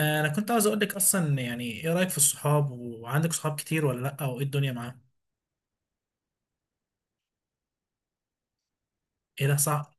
انا كنت عاوز اقول لك اصلا يعني ايه رايك في الصحاب؟ وعندك صحاب كتير ولا لا، او ايه الدنيا معاهم؟ ايه ده صعب.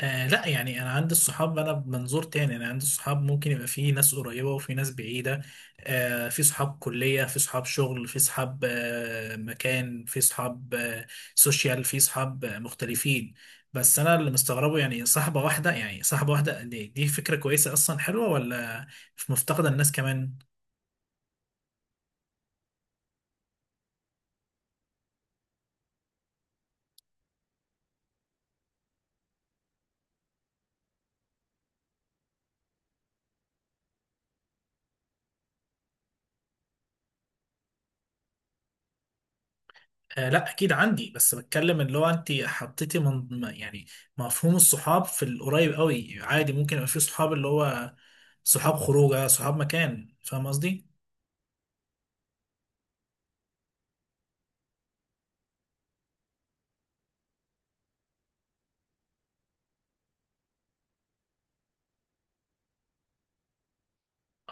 آه لا، يعني انا عندي الصحاب، انا بمنظور تاني، انا عندي الصحاب ممكن يبقى في ناس قريبه وفي ناس بعيده. في صحاب كليه، في صحاب شغل، في صحاب مكان، في صحاب سوشيال، في صحاب مختلفين. بس انا اللي مستغربه، يعني صاحبه واحده، يعني صاحبه واحده، دي فكره كويسه اصلا، حلوه ولا مفتقده الناس كمان؟ آه لا اكيد عندي، بس بتكلم اللي هو انت حطيتي يعني مفهوم الصحاب في القريب قوي، عادي ممكن يبقى في صحاب اللي هو صحاب خروجه، صحاب مكان، فاهم قصدي.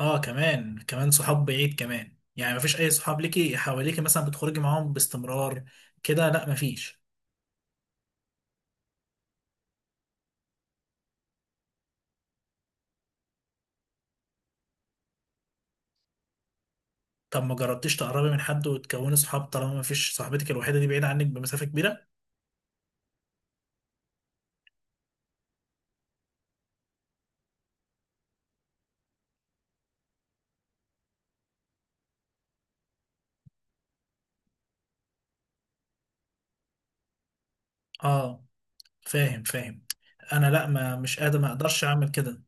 اه كمان كمان صحاب بعيد كمان، يعني مفيش اي صحاب ليكي حواليكي مثلا بتخرجي معاهم باستمرار كده؟ لا مفيش. طب ما جربتيش تقربي من حد وتكوني صحاب، طالما مفيش صاحبتك الوحيده دي بعيده عنك بمسافه كبيره؟ اه فاهم فاهم. انا لا، ما مش قادر، ما اقدرش اعمل كده.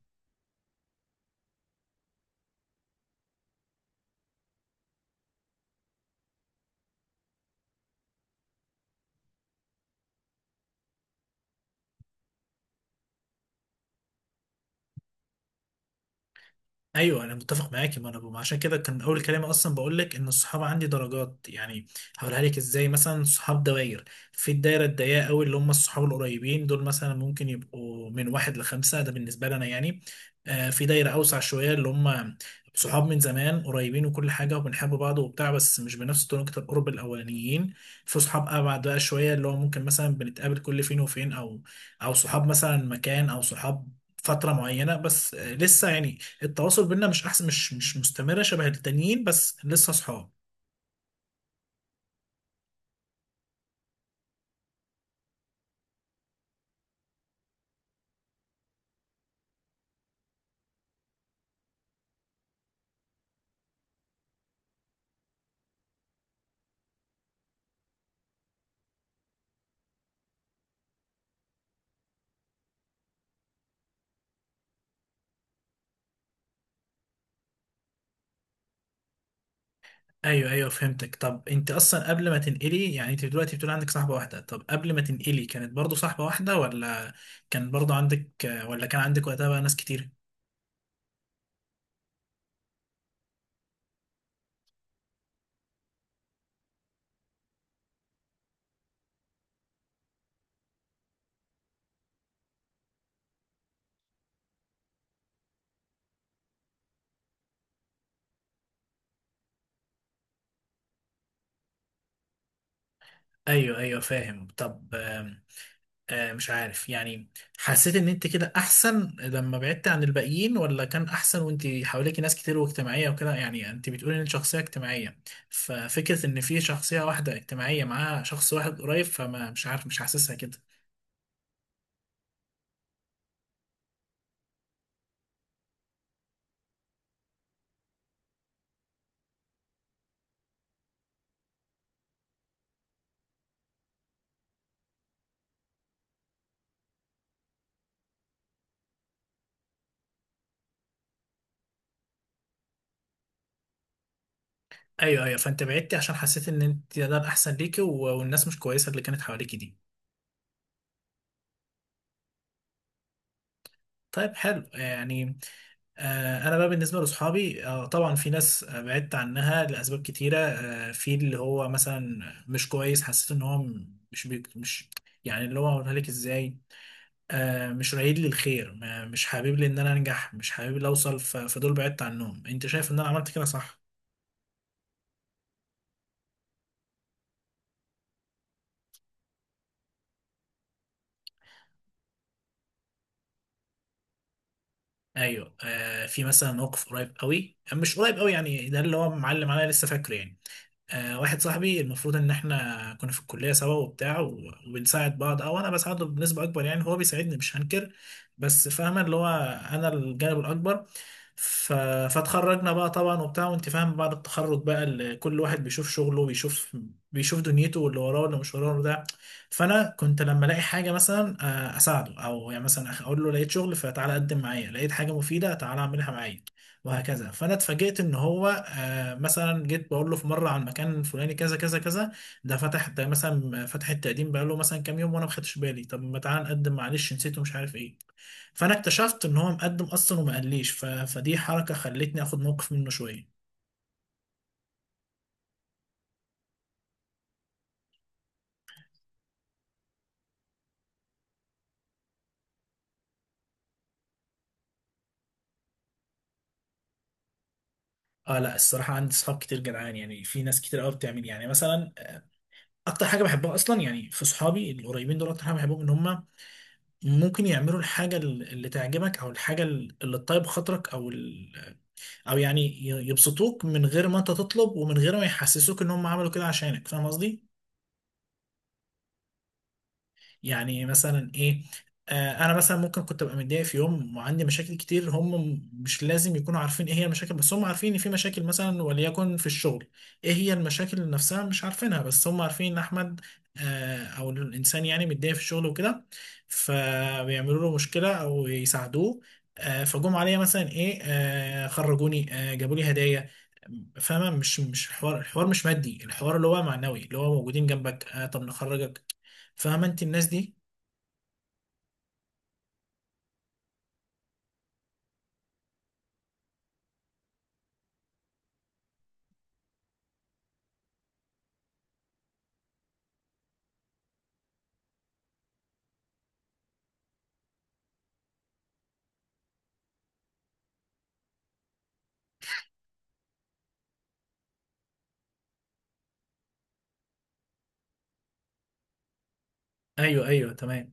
ايوه انا متفق معاكي، ما انا ما عشان كده كان اول كلام اصلا بقول لك ان الصحاب عندي درجات يعني. هقولها لك ازاي، مثلا صحاب دوائر، في الدايره الضيقه قوي اللي هم الصحاب القريبين دول، مثلا ممكن يبقوا من واحد لخمسه، ده بالنسبه لي انا يعني. آه في دايره اوسع شويه، اللي هم صحاب من زمان قريبين وكل حاجه وبنحب بعض وبتاع، بس مش بنفس درجه القرب الاولانيين. في صحاب ابعد بقى شويه، اللي هو ممكن مثلا بنتقابل كل فين وفين، او او صحاب مثلا مكان، او صحاب فترة معينة بس، لسه يعني التواصل بينا مش احسن مش مش مستمره شبه التانيين، بس لسه صحاب. ايوه ايوه فهمتك. طب انت اصلا قبل ما تنقلي، يعني انت دلوقتي بتقول عندك صاحبه واحده، طب قبل ما تنقلي كانت برضو صاحبه واحده، ولا كان برضو عندك، ولا كان عندك وقتها بقى ناس كتير؟ ايوه ايوه فاهم. طب مش عارف يعني، حسيت ان انت كده احسن لما بعدت عن الباقيين، ولا كان احسن وانت حواليك ناس كتير واجتماعية وكده؟ يعني انت بتقولي ان انت شخصية اجتماعية، ففكرة ان في شخصية واحدة اجتماعية معاها شخص واحد قريب، فما مش عارف، مش حاسسها كده. ايوه ايوه، فانت بعدتي عشان حسيت ان انت ده الاحسن ليكي، والناس مش كويسة اللي كانت حواليكي دي. طيب حلو يعني. انا بقى بالنسبه لاصحابي، طبعا في ناس بعدت عنها لاسباب كتيره، في اللي هو مثلا مش كويس، حسيت ان هو م- مش بيك مش يعني، اللي هو اقولها لك ازاي، مش رايد لي الخير، مش حابب لي ان انا انجح، مش حابب لي اوصل، فدول بعدت عنهم. انت شايف ان انا عملت كده صح؟ ايوه في مثلا موقف قريب قوي، مش قريب قوي يعني، ده اللي هو معلم عليا لسه فاكره يعني. واحد صاحبي، المفروض ان احنا كنا في الكليه سوا وبتاع، وبنساعد بعض، او انا بساعده بنسبه اكبر يعني، هو بيساعدني مش هنكر، بس فاهمه اللي هو انا الجانب الاكبر. ف... فاتخرجنا بقى طبعا وبتاع وانت فاهم، بعد التخرج بقى كل واحد بيشوف شغله، بيشوف دنيته واللي وراه واللي مش وراه ده. فانا كنت لما الاقي حاجه مثلا اساعده، او يعني مثلا اقول له لقيت شغل فتعالى قدم معايا، لقيت حاجه مفيده تعالى اعملها معايا، وهكذا. فانا اتفاجئت ان هو مثلا جيت بقول له في مره عن مكان الفلاني كذا كذا كذا، ده فتح، ده مثلا فتح التقديم بقى له مثلا كام يوم وانا ما خدتش بالي، طب ما تعالى نقدم معلش نسيته مش عارف ايه، فانا اكتشفت ان هو مقدم اصلا وما قاليش. فدي حركه خلتني اخد موقف منه شويه. اه لا الصراحه عندي صحاب كتير جدعان، يعني في ناس كتير قوي بتعمل يعني مثلا، اكتر حاجه بحبها اصلا يعني في صحابي القريبين دول، اكتر حاجه بحبهم ان هم ممكن يعملوا الحاجه اللي تعجبك، او الحاجه اللي تطيب خاطرك، او يعني يبسطوك من غير ما انت تطلب ومن غير ما يحسسوك ان هم عملوا كده عشانك، فاهم قصدي؟ يعني مثلا ايه، آه انا مثلا ممكن كنت ابقى متضايق في يوم وعندي مشاكل كتير، هم مش لازم يكونوا عارفين ايه هي المشاكل، بس هم عارفين ان في مشاكل مثلا، وليكن في الشغل. ايه هي المشاكل نفسها مش عارفينها، بس هم عارفين ان احمد او الانسان يعني متضايق في الشغل وكده، فبيعملوا له مشكلة او يساعدوه. آه فجم عليا مثلا ايه، آه خرجوني، آه جابوا لي هدايا، فاهمة؟ مش الحوار، الحوار مش مادي، الحوار اللي هو معنوي، اللي هو موجودين جنبك. آه طب نخرجك، فاهمة انت الناس دي؟ ايوه ايوه تمام.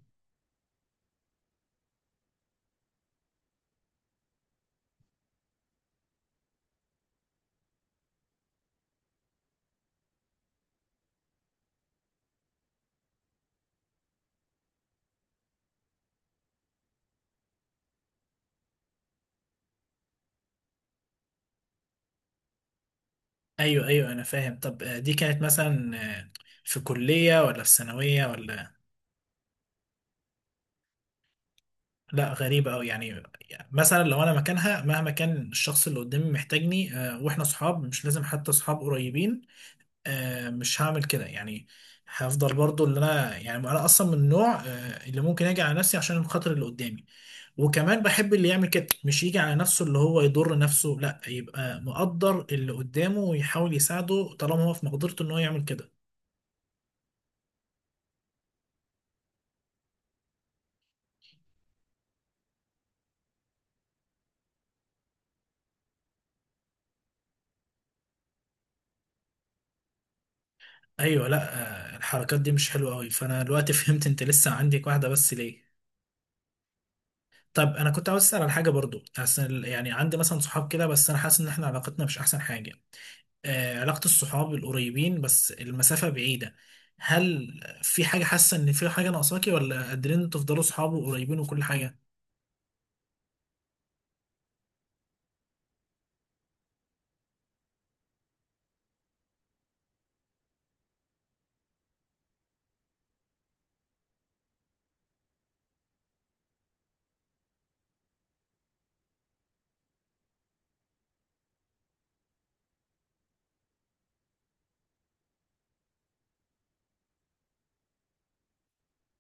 ايوه ايوه انا فاهم. طب دي كانت مثلا في كلية ولا في ثانوية ولا؟ لا غريبة أوي يعني. يعني مثلا لو أنا مكانها، مهما كان الشخص اللي قدامي محتاجني وإحنا صحاب، مش لازم حتى صحاب قريبين، مش هعمل كده يعني. هفضل برضو اللي أنا يعني أنا أصلا من النوع اللي ممكن أجي على نفسي عشان خاطر اللي قدامي. وكمان بحب اللي يعمل كده، مش يجي على نفسه اللي هو يضر نفسه لا، يبقى مقدر اللي قدامه ويحاول يساعده طالما هو في مقدرته إن هو يعمل كده. ايوه لا، الحركات دي مش حلوه قوي. فانا دلوقتي فهمت انت لسه عندك واحده بس ليه. طب انا كنت عاوز اسال على حاجه برضو، حاسس يعني عندي مثلا صحاب كده، بس انا حاسس ان احنا علاقتنا مش احسن حاجه، آه علاقه الصحاب القريبين بس المسافه بعيده، هل في حاجه حاسه ان في حاجه ناقصاكي، ولا قادرين إنتوا تفضلوا صحاب وقريبين وكل حاجه؟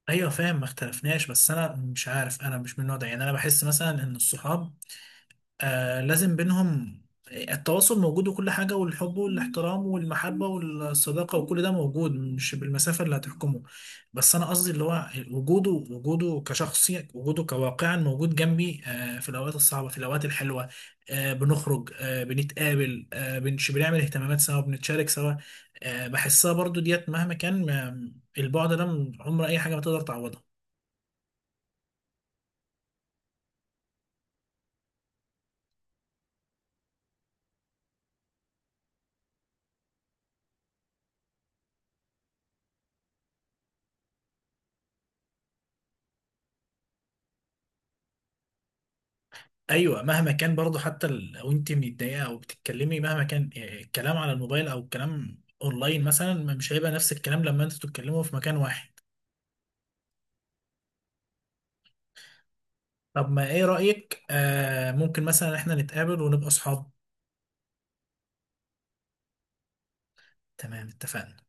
ايوه فاهم ما اختلفناش، بس انا مش عارف، انا مش من النوع ده يعني، انا بحس مثلا ان الصحاب آه لازم بينهم التواصل موجود وكل حاجة، والحب والاحترام والمحبة والصداقة وكل ده موجود، مش بالمسافة اللي هتحكمه. بس أنا قصدي اللي هو وجوده، وجوده كشخص، وجوده كواقعا موجود جنبي، آه في الأوقات الصعبة في الأوقات الحلوة، آه بنخرج آه بنتقابل آه بنعمل اهتمامات سوا بنتشارك سوا. آه بحسها برضو ديت مهما كان البعد ده عمر أي حاجة ما تقدر تعوضه. ايوه مهما كان برضه، حتى لو انت متضايقه او بتتكلمي، مهما كان الكلام على الموبايل او الكلام اونلاين مثلا، مش هيبقى نفس الكلام لما انتوا تتكلموا في مكان واحد. طب ما ايه رأيك آه ممكن مثلا احنا نتقابل ونبقى اصحاب؟ تمام اتفقنا.